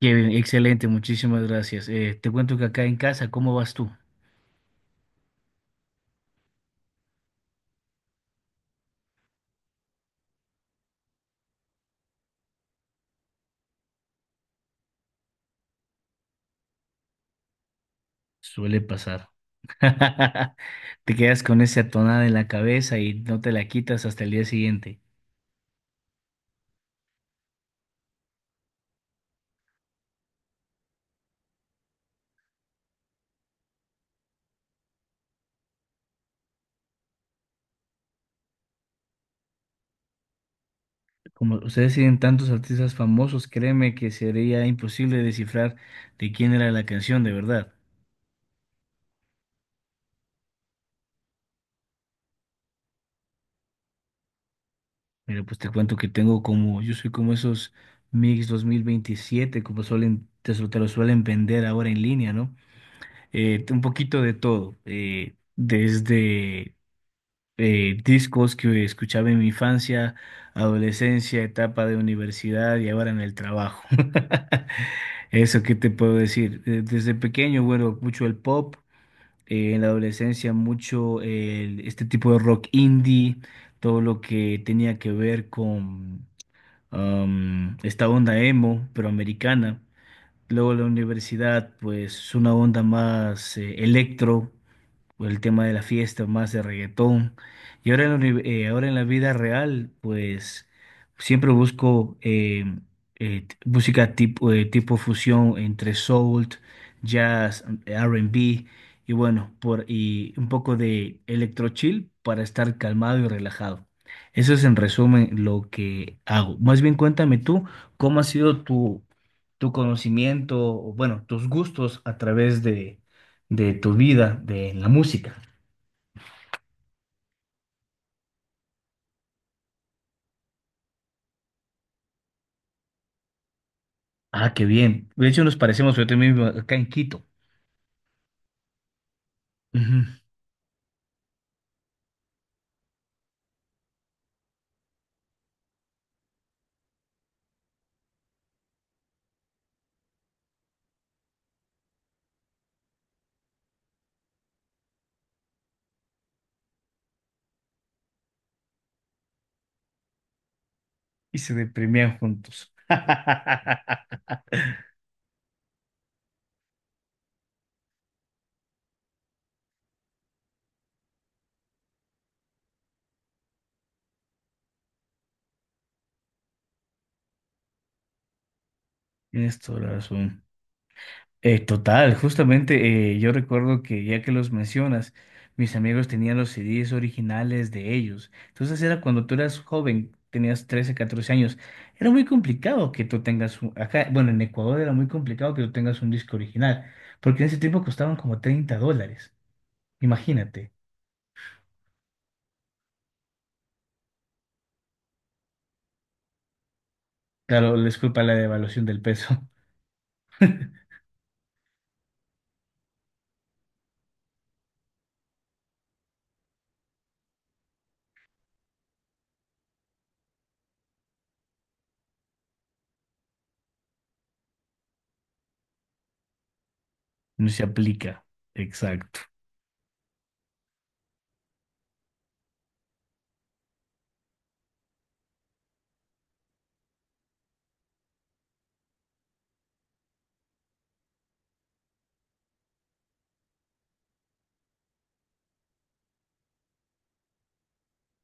Qué bien, excelente, muchísimas gracias. Te cuento que acá en casa, ¿cómo vas tú? Suele pasar. Te quedas con esa tonada en la cabeza y no te la quitas hasta el día siguiente. Como ustedes tienen tantos artistas famosos, créeme que sería imposible descifrar de quién era la canción de verdad. Mira, pues te cuento que tengo como, yo soy como esos Mix 2027, como suelen, te lo suelen vender ahora en línea, ¿no? Un poquito de todo, desde discos que escuchaba en mi infancia, adolescencia, etapa de universidad y ahora en el trabajo. Eso, ¿qué te puedo decir? Desde pequeño, bueno, mucho el pop, en la adolescencia mucho este tipo de rock indie, todo lo que tenía que ver con esta onda emo, pero americana. Luego la universidad, pues una onda más electro por el tema de la fiesta, más de reggaetón. Y ahora ahora en la vida real, pues siempre busco música tipo fusión entre soul, jazz, R&B y bueno, y un poco de electro chill para estar calmado y relajado. Eso es en resumen lo que hago. Más bien cuéntame tú, ¿cómo ha sido tu, conocimiento, o bueno, tus gustos a través de tu vida, de la música? Ah, qué bien. De hecho, nos parecemos, yo también vivo acá en Quito. Ujú. Y se deprimían juntos. Tienes toda la razón. Total, justamente yo recuerdo que ya que los mencionas, mis amigos tenían los CDs originales de ellos. Entonces era cuando tú eras joven, tenías 13 14 años. Era muy complicado que tú tengas, acá, bueno, en Ecuador era muy complicado que tú tengas un disco original, porque en ese tiempo costaban como $30. Imagínate. Claro, les culpa la devaluación del peso. No se aplica. Exacto.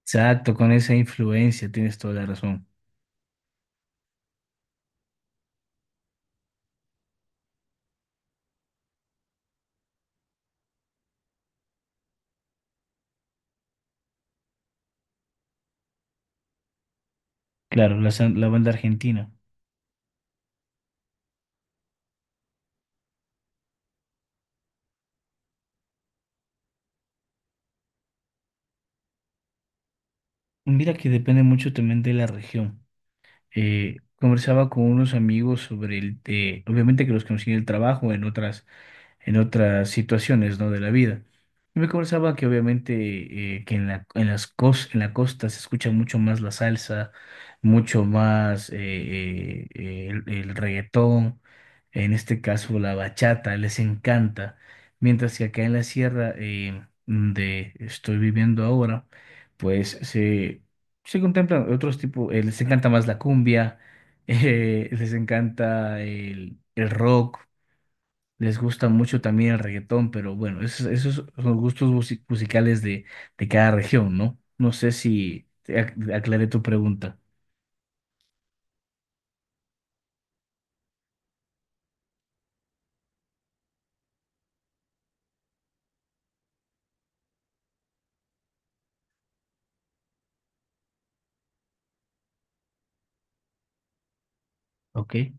Exacto, con esa influencia tienes toda la razón. Claro, la banda argentina. Mira que depende mucho también de la región. Conversaba con unos amigos sobre obviamente que los conocí en el trabajo, en otras situaciones, ¿no? De la vida. Y me conversaba que obviamente que en la costa se escucha mucho más la salsa, mucho más el reggaetón, en este caso la bachata, les encanta, mientras que acá en la sierra donde estoy viviendo ahora, pues se contemplan otros tipos, les encanta más la cumbia, les encanta el rock. Les gusta mucho también el reggaetón, pero bueno, esos son los gustos musicales de cada región, ¿no? No sé si te aclaré tu pregunta. Ok.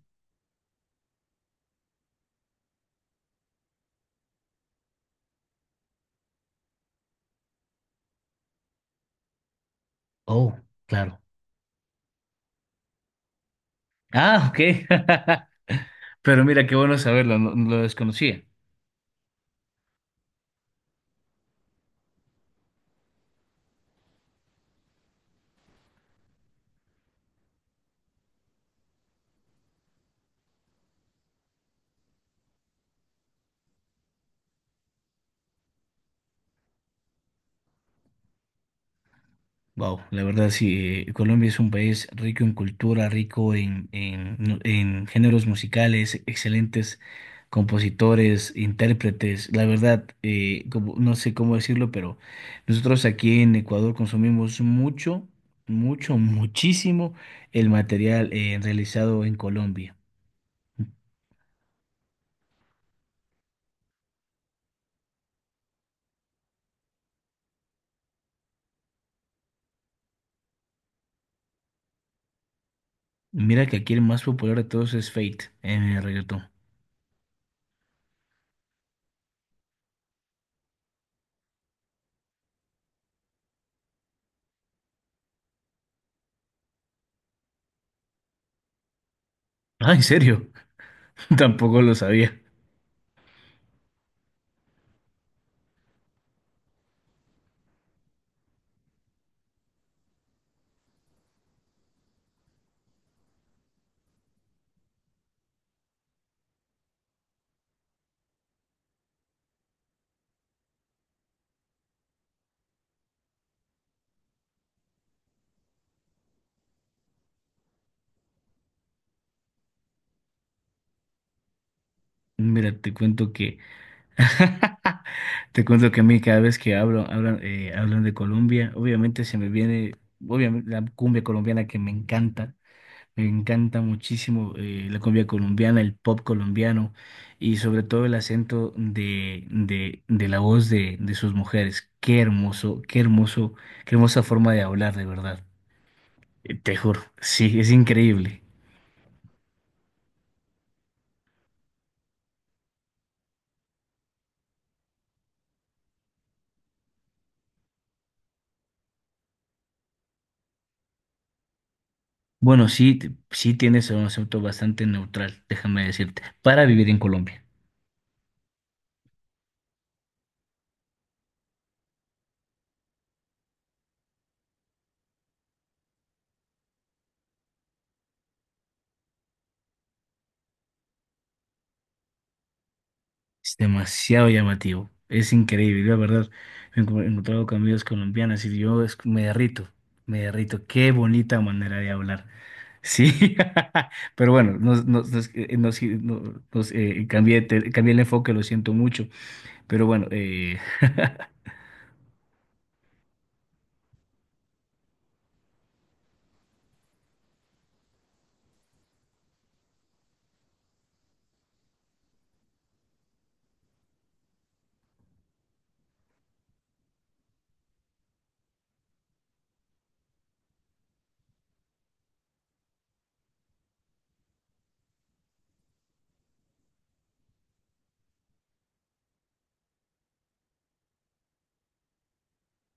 Oh, claro. Ah, ok. Pero mira, qué bueno saberlo, no, no lo desconocía. Wow, la verdad sí, Colombia es un país rico en cultura, rico en, no, en géneros musicales, excelentes compositores, intérpretes. La verdad, no sé cómo decirlo, pero nosotros aquí en Ecuador consumimos mucho, mucho, muchísimo el material realizado en Colombia. Mira que aquí el más popular de todos es Fate en el reggaetón. Ah, ¿en serio? Tampoco lo sabía. Mira, te cuento que... Te cuento que a mí cada vez que hablo, hablan de Colombia, obviamente se me viene, obviamente la cumbia colombiana que me encanta muchísimo la cumbia colombiana, el pop colombiano y sobre todo el acento de la voz de sus mujeres. Qué hermoso, qué hermoso, qué hermosa forma de hablar, de verdad. Te juro, sí, es increíble. Bueno, sí, sí tienes un acento bastante neutral, déjame decirte, para vivir en Colombia. Es demasiado llamativo. Es increíble, la verdad. Me he encontrado con amigas colombianas y yo me derrito, me derrito. Qué bonita manera de hablar. Sí, pero bueno, cambié, cambié el enfoque, lo siento mucho. Pero bueno,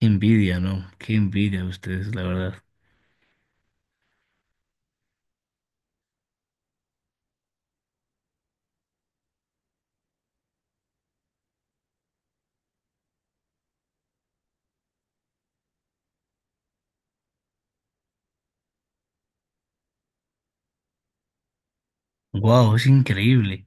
qué envidia, ¿no? Qué envidia de ustedes, la verdad. Wow, es increíble.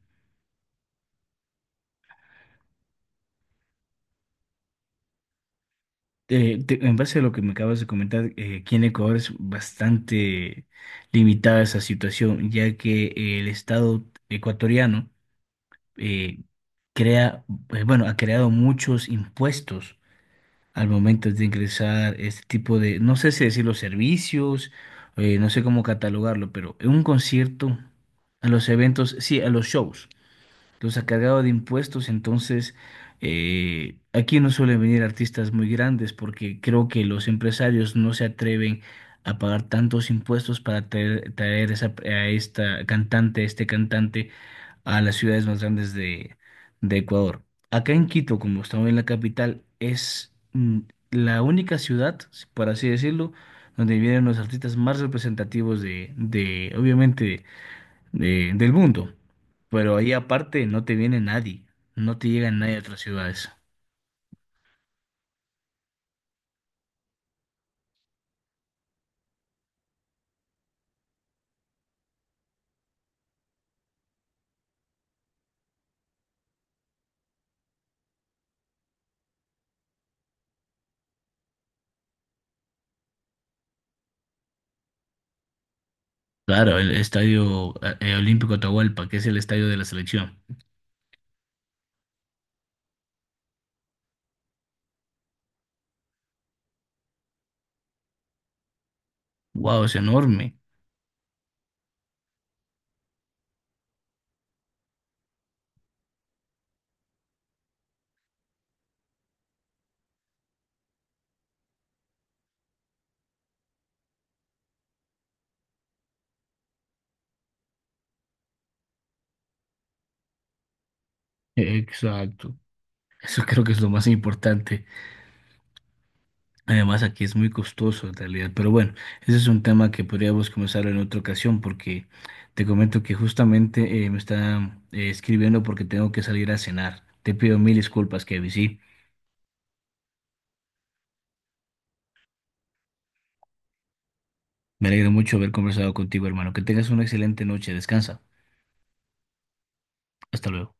En base a lo que me acabas de comentar, aquí en Ecuador es bastante limitada esa situación, ya que el Estado ecuatoriano eh, crea, bueno, ha creado muchos impuestos al momento de ingresar este tipo de, no sé si decirlo, servicios, no sé cómo catalogarlo, pero un concierto, a los eventos, sí, a los shows los ha cargado de impuestos, entonces aquí no suelen venir artistas muy grandes porque creo que los empresarios no se atreven a pagar tantos impuestos para traer a esta cantante, este cantante a las ciudades más grandes de Ecuador. Acá en Quito, como estamos en la capital, es la única ciudad, por así decirlo, donde vienen los artistas más representativos de obviamente, del mundo. Pero ahí aparte no te viene nadie, no te llega nadie de otras ciudades. Claro, el estadio Olímpico Atahualpa, que es el estadio de la selección. Wow, es enorme. Exacto. Eso creo que es lo más importante. Además, aquí es muy costoso en realidad. Pero bueno, ese es un tema que podríamos comenzar en otra ocasión porque te comento que justamente me está escribiendo porque tengo que salir a cenar. Te pido mil disculpas, Kevin, ¿sí? Me alegro mucho haber conversado contigo, hermano. Que tengas una excelente noche. Descansa. Hasta luego.